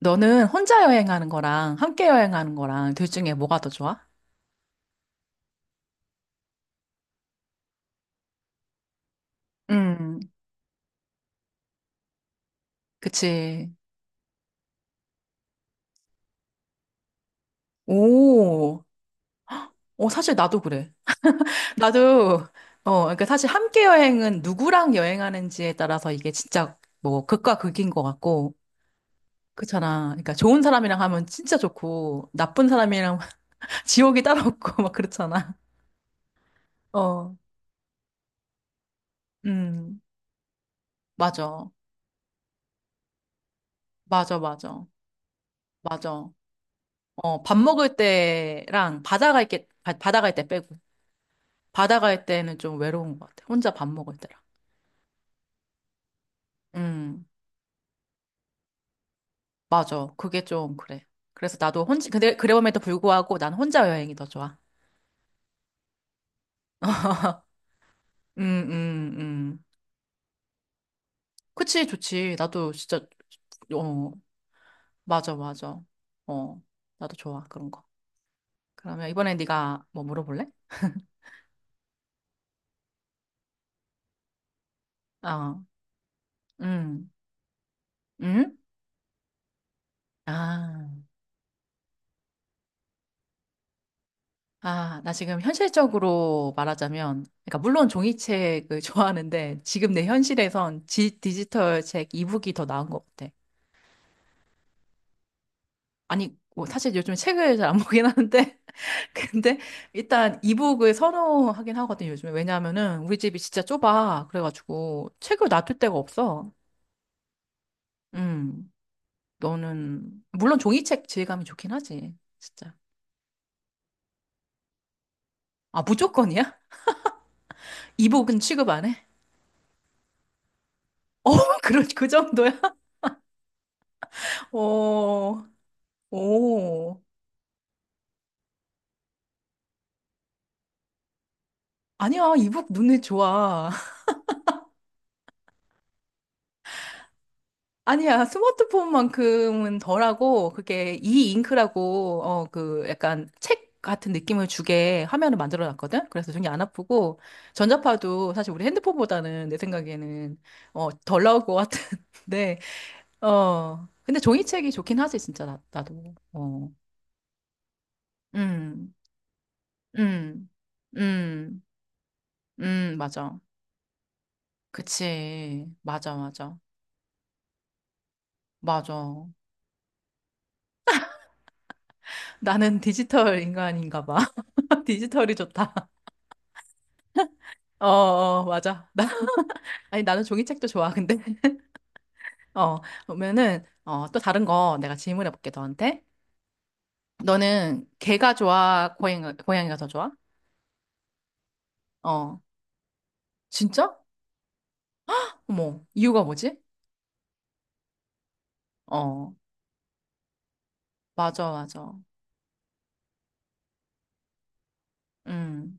너는 혼자 여행하는 거랑 함께 여행하는 거랑 둘 중에 뭐가 더 좋아? 음, 그치. 오, 어, 사실 나도 그래. 나도, 어, 그러니까 사실 함께 여행은 누구랑 여행하는지에 따라서 이게 진짜 뭐 극과 극인 것 같고, 그렇잖아. 그러니까 좋은 사람이랑 하면 진짜 좋고, 나쁜 사람이랑 지옥이 따로 없고, 막 그렇잖아. 어, 음, 맞아. 맞아, 맞아. 맞아. 어, 밥 먹을 때랑 바다 갈 때, 바다 갈 때 빼고. 바다 갈 때는 좀 외로운 것 같아. 혼자 밥 먹을 때랑. 음, 맞아. 그게 좀 그래. 그래서 나도 혼자, 근데 그럼에도 불구하고 난 혼자 여행이 더 좋아. 음, 음, 음. 그치, 좋지. 나도 진짜, 어, 맞아, 맞아. 어, 나도 좋아, 그런 거. 그러면 이번에 네가 뭐 물어볼래? 어, 음, 음? 아, 아, 나 지금 현실적으로 말하자면, 그러니까 물론 종이책을 좋아하는데, 지금 내 현실에선 디지털 책 이북이 더 나은 것 같아. 아니, 뭐 사실 요즘 책을 잘 안 보긴 하는데, 근데 일단 이북을 선호하긴 하거든요, 요즘에. 왜냐하면은 우리 집이 진짜 좁아. 그래가지고 책을 놔둘 데가 없어. 음, 너는, 물론 종이책 질감이 좋긴 하지, 진짜. 아, 무조건이야? 이북은 취급 안 해? 어, 그 정도야? 어, 오. 아니야, 이북 눈에 좋아. 아니야, 스마트폰만큼은 덜하고, 그게 이 잉크라고, 어, 그, 약간 책 같은 느낌을 주게 화면을 만들어 놨거든? 그래서 눈이 안 아프고, 전자파도 사실 우리 핸드폰보다는 내 생각에는, 어, 덜 나올 것 같은데, 어, 근데 종이책이 좋긴 하지, 진짜, 나도. 어, 음, 음, 음, 맞아. 그치. 맞아, 맞아. 맞아. 나는 디지털 인간인가 봐. 디지털이 좋다. 어, 어, 맞아. 나, 아니, 나는 종이책도 좋아, 근데. 어, 보면은, 어, 또 다른 거 내가 질문해 볼게, 너한테. 너는 개가 좋아, 고양이가 더 좋아? 어, 진짜? 어머, 이유가 뭐지? 어, 맞아, 맞아. 음,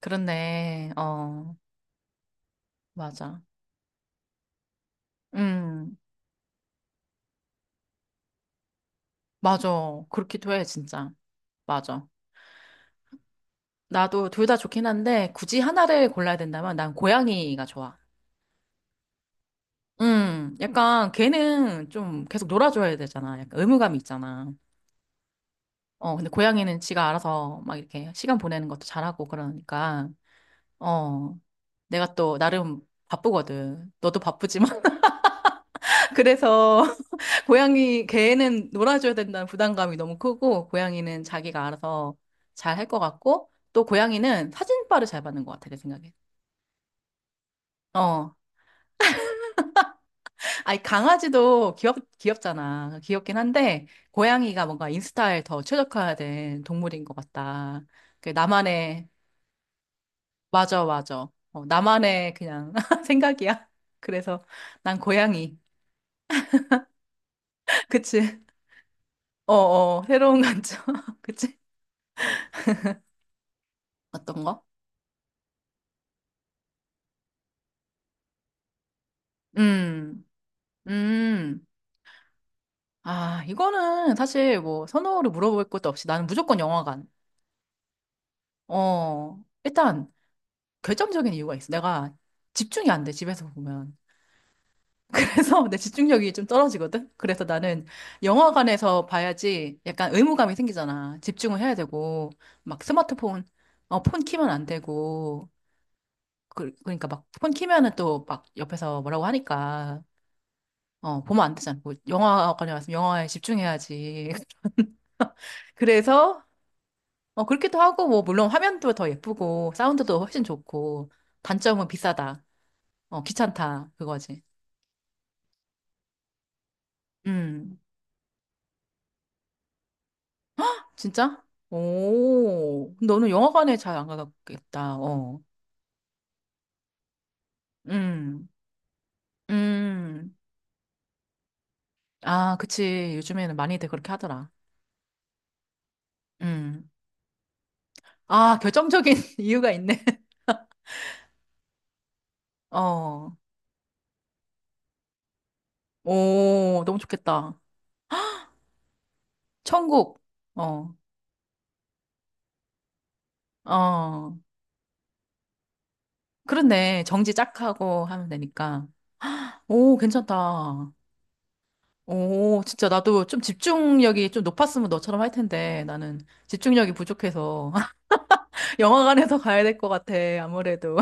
그렇네. 어, 맞아. 음, 맞아. 그렇기도 해, 진짜. 맞아. 나도 둘 다 좋긴 한데, 굳이 하나를 골라야 된다면 난 고양이가 좋아. 약간 걔는 좀 계속 놀아줘야 되잖아. 약간 의무감이 있잖아. 어, 근데 고양이는 지가 알아서 막 이렇게 시간 보내는 것도 잘하고 그러니까, 어, 내가 또 나름 바쁘거든. 너도 바쁘지만. 그래서 고양이, 걔는 놀아줘야 된다는 부담감이 너무 크고, 고양이는 자기가 알아서 잘 할 것 같고, 또 고양이는 사진빨을 잘 받는 것 같아, 내 생각에. 어, 아니, 강아지도 귀엽잖아. 귀엽긴 한데, 고양이가 뭔가 인스타에 더 최적화된 동물인 것 같다. 그 나만의, 맞아, 맞아. 어, 나만의 그냥 생각이야. 그래서 난 고양이. 그치? 어, 어, 새로운 관점. 그치? 어떤 거? 음, 음. 아, 이거는 사실 뭐 선호를 물어볼 것도 없이 나는 무조건 영화관. 어, 일단, 결정적인 이유가 있어. 내가 집중이 안 돼, 집에서 보면. 그래서 내 집중력이 좀 떨어지거든? 그래서 나는 영화관에서 봐야지 약간 의무감이 생기잖아. 집중을 해야 되고, 막 스마트폰, 어, 폰 키면 안 되고, 그, 그러니까 막 폰 키면은 또 막 옆에서 뭐라고 하니까, 어, 보면 안 되잖아. 뭐 영화관에 왔으면 영화에 집중해야지. 그래서, 어, 그렇기도 하고, 뭐, 물론 화면도 더 예쁘고, 사운드도 훨씬 좋고, 단점은 비싸다. 어, 귀찮다. 그거지. 음, 진짜? 오, 너는 영화관에 잘 안 가겠다. 어. 음, 음. 아, 그치. 요즘에는 많이들 그렇게 하더라. 음. 아, 결정적인 이유가 있네. 어. 오, 너무 좋겠다. 천국. 어. 어. 그렇네. 정지 짝 하고 하면 되니까. 오, 괜찮다. 오, 진짜 나도 좀 집중력이 좀 높았으면 너처럼 할 텐데 나는 집중력이 부족해서 영화관에서 가야 될 것 같아. 아무래도.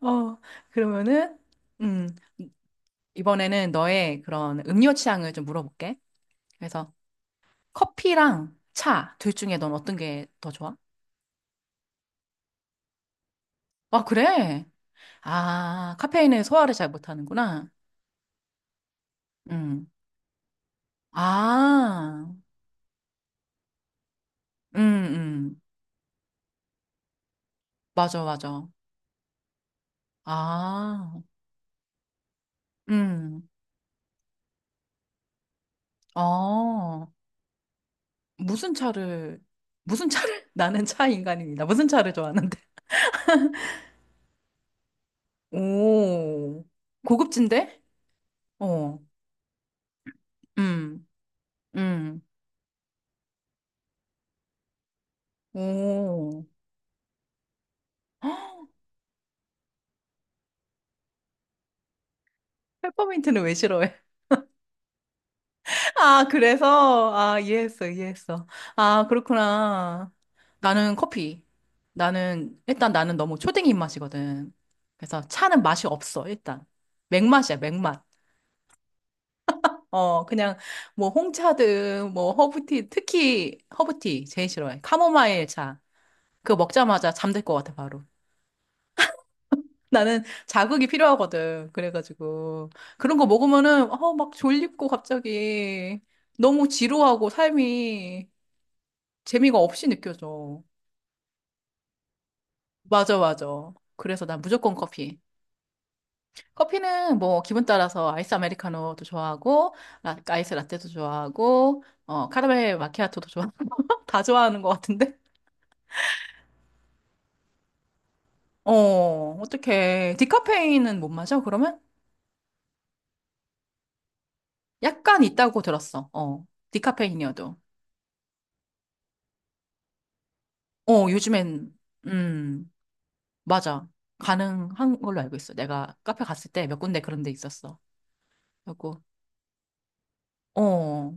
어, 그러면은, 음, 이번에는 너의 그런 음료 취향을 좀 물어볼게. 그래서 커피랑 차, 둘 중에 넌 어떤 게 더 좋아? 아, 그래? 아, 카페인에 소화를 잘 못하는구나. 음. 아, 음, 음. 맞아, 맞아. 아, 음. 어, 무슨 차를, 무슨 차를? 나는 차 인간입니다. 무슨 차를 좋아하는데? 오, 고급진데? 어, 음. 음. 오. 페퍼민트는 왜 싫어해? 아, 그래서? 아, 이해했어, 이해했어. 아, 그렇구나. 나는 커피. 나는, 일단 나는 너무 초딩 입맛이거든. 그래서 차는 맛이 없어, 일단. 맥맛이야, 맥맛. 어, 그냥 뭐 홍차든 뭐 허브티, 특히 허브티 제일 싫어해. 카모마일 차. 그거 먹자마자 잠들 것 같아, 바로. 나는 자극이 필요하거든. 그래가지고. 그런 거 먹으면은, 어, 막 졸립고 갑자기 너무 지루하고 삶이 재미가 없이 느껴져. 맞아, 맞아. 그래서 난 무조건 커피. 커피는 뭐 기분 따라서 아이스 아메리카노도 좋아하고, 아이스 라떼도 좋아하고, 어, 카라멜 마키아토도 좋아 다 좋아하는 것 같은데? 어, 어떡해. 디카페인은 못 마셔, 그러면? 약간 있다고 들었어. 어, 디카페인이어도. 어, 요즘엔, 음. 맞아. 가능한 걸로 알고 있어. 내가 카페 갔을 때 몇 군데 그런 데 있었어. 그리고, 어,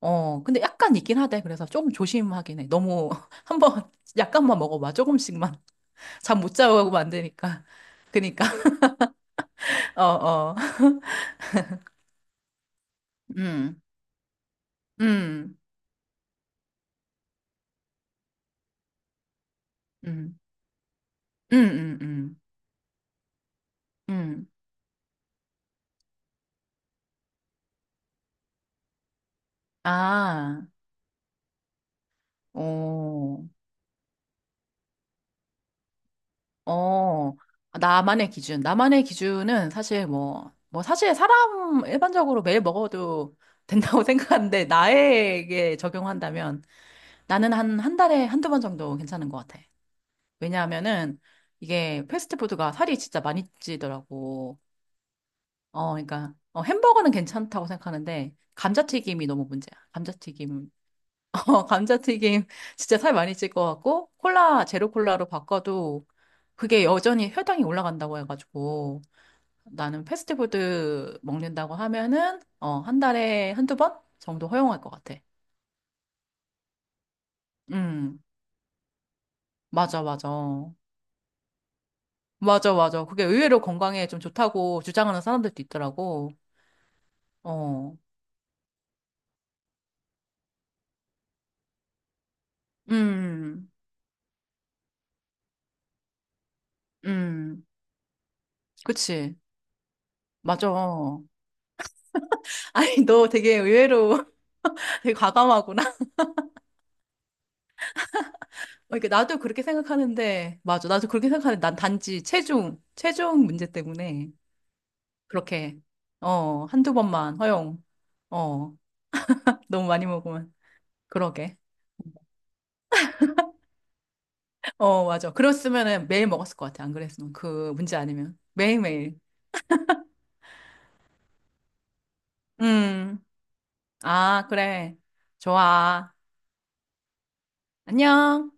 어. 근데 약간 있긴 하대. 그래서 조금 조심하긴 해. 너무, 한 번, 약간만 먹어봐. 조금씩만. 잠 못 자고 하고 만드니까. 그니까, 어, 어. 음, 음, 음, 음, 음, 음. 음. 아, 오. 어, 나만의 기준. 나만의 기준은 사실 뭐, 사실 사람 일반적으로 매일 먹어도 된다고 생각하는데, 나에게 적용한다면 나는 한, 한 달에 한두 번 정도 괜찮은 것 같아. 왜냐하면은 이게 패스트푸드가 살이 진짜 많이 찌더라고. 어, 그러니까, 어, 햄버거는 괜찮다고 생각하는데, 감자튀김이 너무 문제야. 감자튀김. 어, 감자튀김 진짜 살 많이 찔 것 같고, 콜라, 제로 콜라로 바꿔도 그게 여전히 혈당이 올라간다고 해가지고, 나는 패스트푸드 먹는다고 하면은, 어, 한 달에 한두 번 정도 허용할 것 같아. 음, 맞아, 맞아. 맞아, 맞아. 그게 의외로 건강에 좀 좋다고 주장하는 사람들도 있더라고. 어, 음, 음, 그치. 맞아. 아니, 너 되게 의외로 되게 과감하구나. 어, 이게 나도 그렇게 생각하는데, 맞아. 나도 그렇게 생각하는데, 난 단지 체중 문제 때문에 그렇게, 어, 한두 번만 허용. 어, 너무 많이 먹으면. 그러게. 어, 맞아. 그랬으면은 매일 먹었을 것 같아. 안 그랬으면. 그 문제 아니면. 매일매일. 음. 아, 그래. 좋아. 안녕.